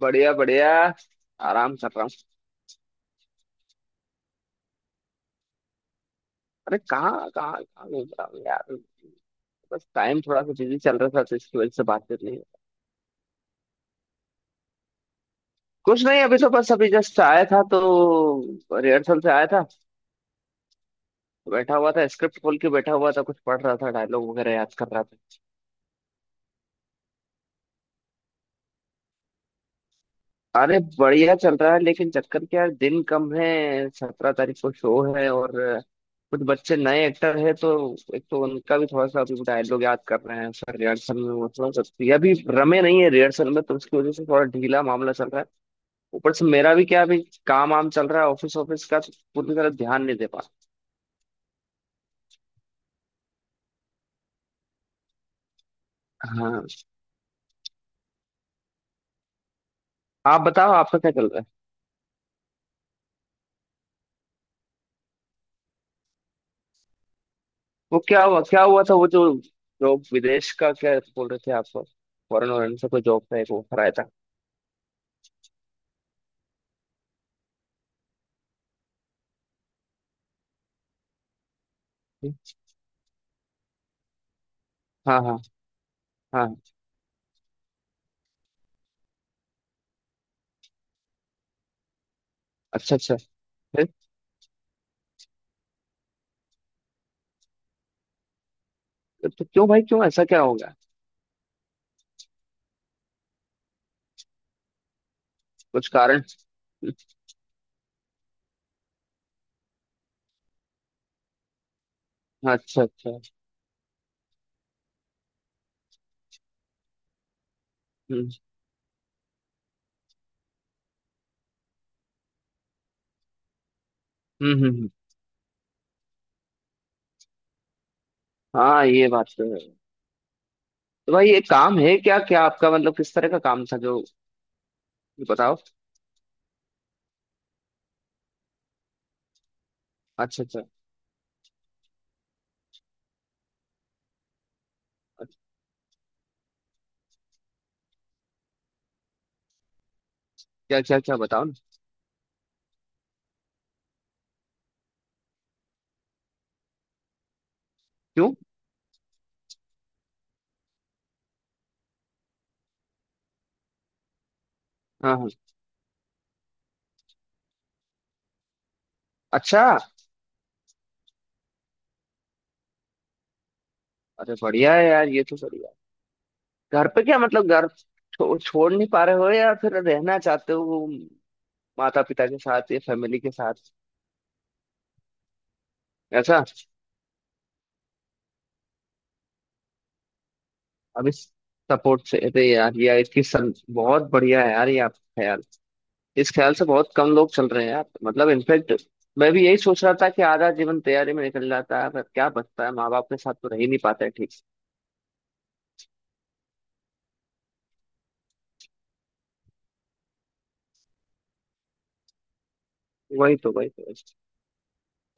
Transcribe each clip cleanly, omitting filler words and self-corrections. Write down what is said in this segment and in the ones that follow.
बढ़िया बढ़िया। आराम कर रहा हूँ। अरे कहाँ कहाँ कहाँ घूम रहा हूँ यार। बस टाइम थोड़ा सा बिजी चल रहा था तो इसकी वजह से बातचीत नहीं हुई। कुछ नहीं, अभी तो बस अभी जस्ट आया था, तो रिहर्सल से आया था। बैठा हुआ था, स्क्रिप्ट खोल के बैठा हुआ था, कुछ पढ़ रहा था, डायलॉग वगैरह याद कर रहा था। अरे बढ़िया चल रहा है, लेकिन चक्कर क्या है, दिन कम है। 17 तारीख को शो है, और कुछ बच्चे नए एक्टर हैं, तो एक तो उनका भी थोड़ा सा अभी डायलॉग याद कर रहे हैं सर, रिहर्सल में वो थोड़ा सा ये अभी रमे नहीं है रिहर्सल में, तो उसकी वजह से थोड़ा ढीला मामला चल रहा है। ऊपर से मेरा भी क्या, अभी काम वाम चल रहा है, ऑफिस ऑफिस का तो पूरी तरह ध्यान नहीं दे पा रहा। हाँ। आप बताओ आपका क्या चल रहा है। वो क्या हुआ, क्या हुआ था, वो जो जो विदेश का क्या बोल रहे थे आप, फॉरेन वॉरेन से कोई जॉब का एक ऑफर आया था? हाँ हाँ हाँ। अच्छा अच्छा। फिर? तो क्यों भाई, क्यों, ऐसा क्या होगा? कुछ कारण? अच्छा अच्छा। हम्म हम्म हम्म हम्म। हाँ, ये बात तो है। तो भाई ये काम है क्या, क्या आपका मतलब किस तरह का काम था जो? बताओ। अच्छा अच्छा। क्या क्या क्या, बताओ ना? क्यों? हाँ हाँ। अच्छा। अरे बढ़िया है यार, ये तो बढ़िया है। घर पे क्या मतलब, घर छोड़ नहीं पा रहे हो या फिर रहना चाहते हो माता पिता के साथ या फैमिली के साथ? ऐसा? अब इस सपोर्ट से, अरे यार ये बहुत बढ़िया है यार, ये आपका ख्याल। इस ख्याल से बहुत कम लोग चल रहे हैं यार, मतलब इनफैक्ट मैं भी यही सोच रहा था कि आधा जीवन तैयारी में निकल जाता है, पर क्या बचता है, माँ बाप के साथ तो रह ही नहीं पाते ठीक से। वही तो वही तो वही तो।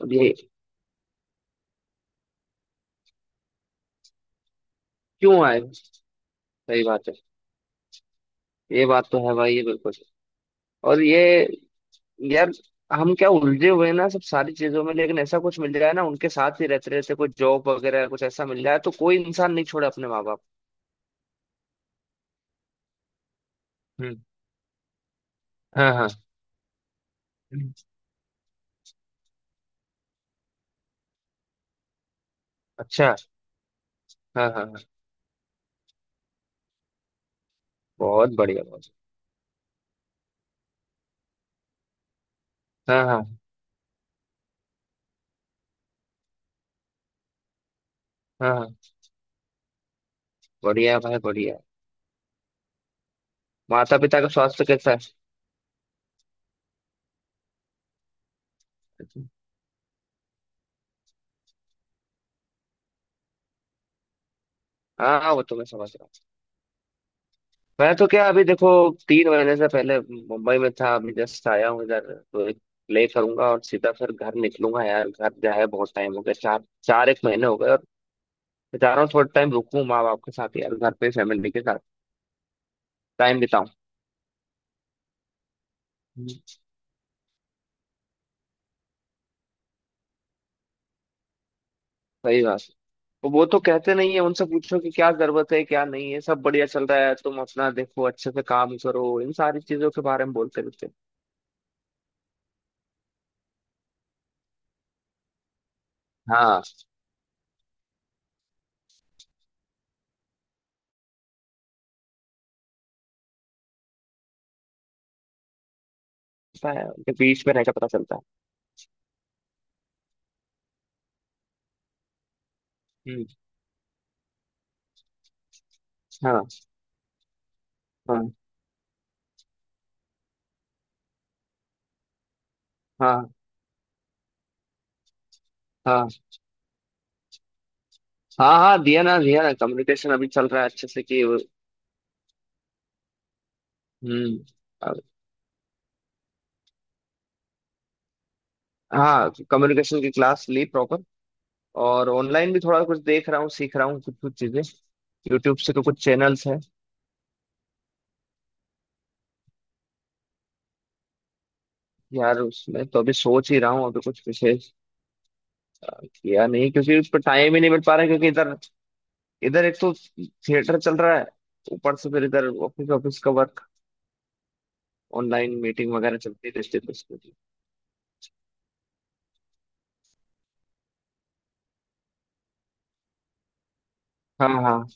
अब ये, क्यों आए? सही बात है। ये बात तो है भाई, ये बिल्कुल। और ये, यार हम क्या उलझे हुए हैं ना सब सारी चीजों में, लेकिन ऐसा कुछ मिल जाए ना उनके साथ ही रहते रहते, कोई जॉब वगैरह कुछ ऐसा मिल जाए, तो कोई इंसान नहीं छोड़े अपने माँ बाप। हम्म। हाँ हाँ। अच्छा। हाँ हाँ हाँ। बहुत बढ़िया, बहुत। हाँ हाँ हाँ हाँ। बढ़िया भाई बढ़िया। माता पिता का स्वास्थ्य कैसा है? हाँ हाँ, वो तो मैं समझ रहा हूँ। मैं तो क्या, अभी देखो, 3 महीने से पहले मुंबई में था, अभी जस्ट आया हूँ इधर। तो एक प्ले करूंगा और सीधा फिर घर निकलूंगा यार, घर जा है बहुत टाइम हो गया, चार चार एक महीने हो गए, और मैं चाह रहा हूँ थोड़ा टाइम रुकूं माँ बाप के साथ यार, घर पे फैमिली के साथ टाइम बिताऊं। हम्म। सही बात है। तो वो तो कहते नहीं है, उनसे पूछो कि क्या जरूरत है क्या नहीं है, सब बढ़िया चल रहा है, तुम अपना देखो अच्छे से काम करो, इन सारी चीजों के बारे में बोलते रहते हैं। हाँ, पता है, उनके बीच में रहकर पता चलता है। हाँ हाँ हाँ। हाँ हाँ हाँ, दिया ना, दिया ना, कम्युनिकेशन अभी चल रहा है अच्छे से, कि हम्म अब- हाँ, कम्युनिकेशन की क्लास ली प्रॉपर। और ऑनलाइन भी थोड़ा कुछ देख रहा हूँ, सीख रहा हूँ कुछ कुछ चीजें। यूट्यूब से तो कुछ चैनल्स हैं। यार उसमें तो अभी सोच ही रहा हूँ, अभी कुछ विशेष किया नहीं, क्योंकि उस पर टाइम ही नहीं मिल पा रहा है, क्योंकि इधर इधर एक तो थिएटर चल रहा है, ऊपर से फिर इधर ऑफिस ऑफिस का वर्क, ऑनलाइन मीटिंग वगैरह चलती रहती है, तो उसके लिए। हाँ हाँ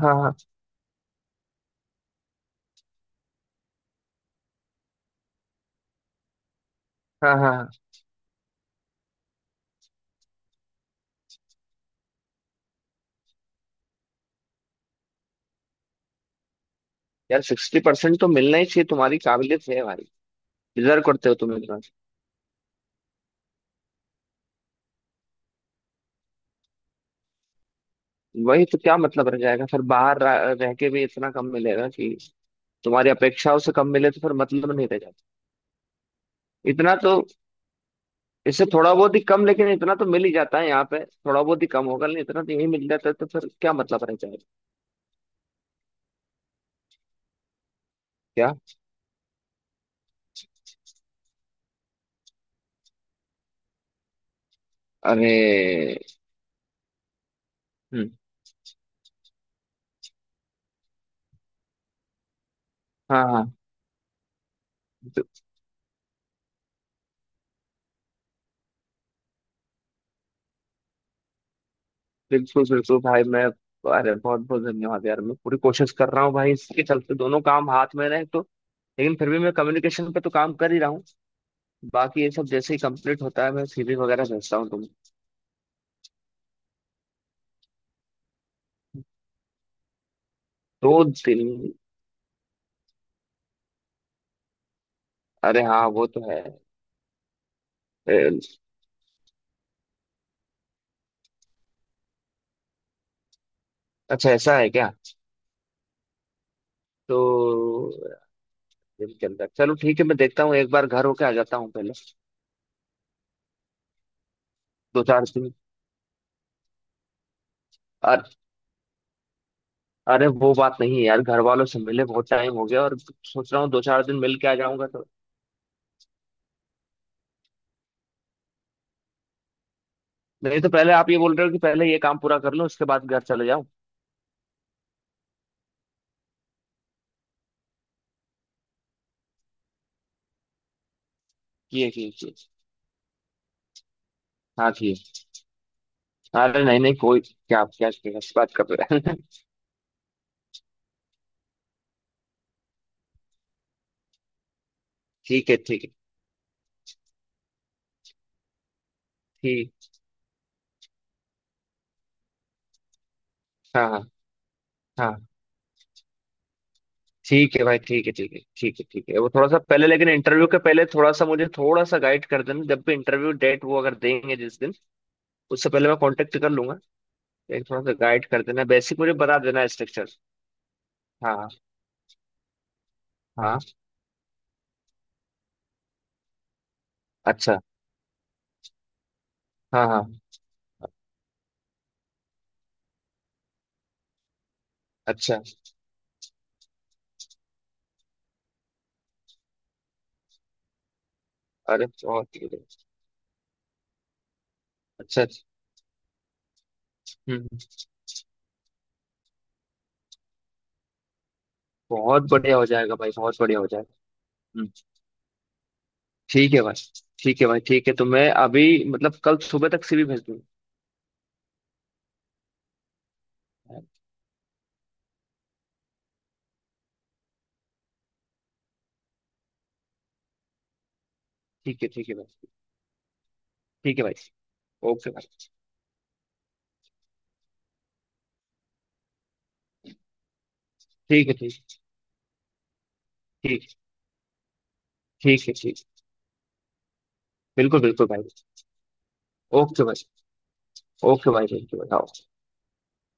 हाँ। हाँ हाँ हाँ। यार, 60% तो मिलना ही चाहिए, तुम्हारी काबिलियत है भाई, डिजर्व करते हो तुम इतना। वही तो, क्या मतलब रह जाएगा फिर, बाहर रह रह के भी इतना कम मिलेगा कि, तुम्हारी अपेक्षाओं से कम मिले तो फिर मतलब नहीं रह जाता। इतना तो, इससे थोड़ा बहुत ही कम, लेकिन इतना तो मिल ही जाता है, यहाँ पे थोड़ा बहुत ही कम होगा लेकिन इतना तो यही मिल जाता है, तो फिर क्या मतलब रह जाएगा? क्या? अरे। हम्म। हाँ हाँ। बि- बिल्कुल बिल्कुल भाई, मैं, अरे बहुत बहुत धन्यवाद यार, मैं पूरी कोशिश कर रहा हूँ भाई, इसके चलते दोनों काम हाथ में रहे तो, लेकिन फिर भी मैं कम्युनिकेशन पे तो काम कर ही रहा हूँ। बाकी ये सब जैसे ही कंप्लीट होता है मैं सीवी वगैरह भेजता हूँ, तुम। 2 दिन? अरे हाँ, वो तो है। ए, अच्छा ऐसा है क्या? तो दिन के अंदर, चलो ठीक है, मैं देखता हूँ, एक बार घर होके आ जाता हूँ पहले। 2-4 दिन। अर, अरे वो बात नहीं है यार, घर वालों से मिले बहुत टाइम हो गया और सोच रहा हूँ 2-4 दिन मिल के आ जाऊंगा तो। नहीं तो पहले आप ये बोल रहे हो कि पहले ये काम पूरा कर लो, उसके बाद घर चले जाओ। किए किए किए। हाँ किए। अरे नहीं नहीं, कोई क्या क्या, बात कर रहे हैं? ठीक है ठीक है। ठीक। हाँ हाँ हाँ। ठीक है भाई, ठीक है ठीक है, ठीक है ठीक है, वो थोड़ा सा पहले लेकिन, इंटरव्यू के पहले थोड़ा सा मुझे, थोड़ा सा गाइड कर देना, जब भी इंटरव्यू डेट वो अगर देंगे जिस दिन, उससे पहले मैं कांटेक्ट कर लूंगा, लेकिन थोड़ा सा गाइड कर देना बेसिक, मुझे बता देना स्ट्रक्चर। हाँ हाँ। अच्छा। हाँ हाँ। अच्छा। अरे बहुत बढ़िया। अच्छा अच्छा, हम्म बहुत बढ़िया हो जाएगा भाई, बहुत बढ़िया हो जाएगा। हम्म। ठीक है भाई, ठीक है भाई, ठीक है, तो मैं अभी मतलब कल सुबह तक सीवी भेज दूंगा। ठीक है भाई। ठीक है भाई। ओके भाई, ठीक है ठीक है। ठीक। ठीक है ठीक। बिल्कुल बिल्कुल भाई। ओके भाई। ओके भाई, थैंक यू। बताओ।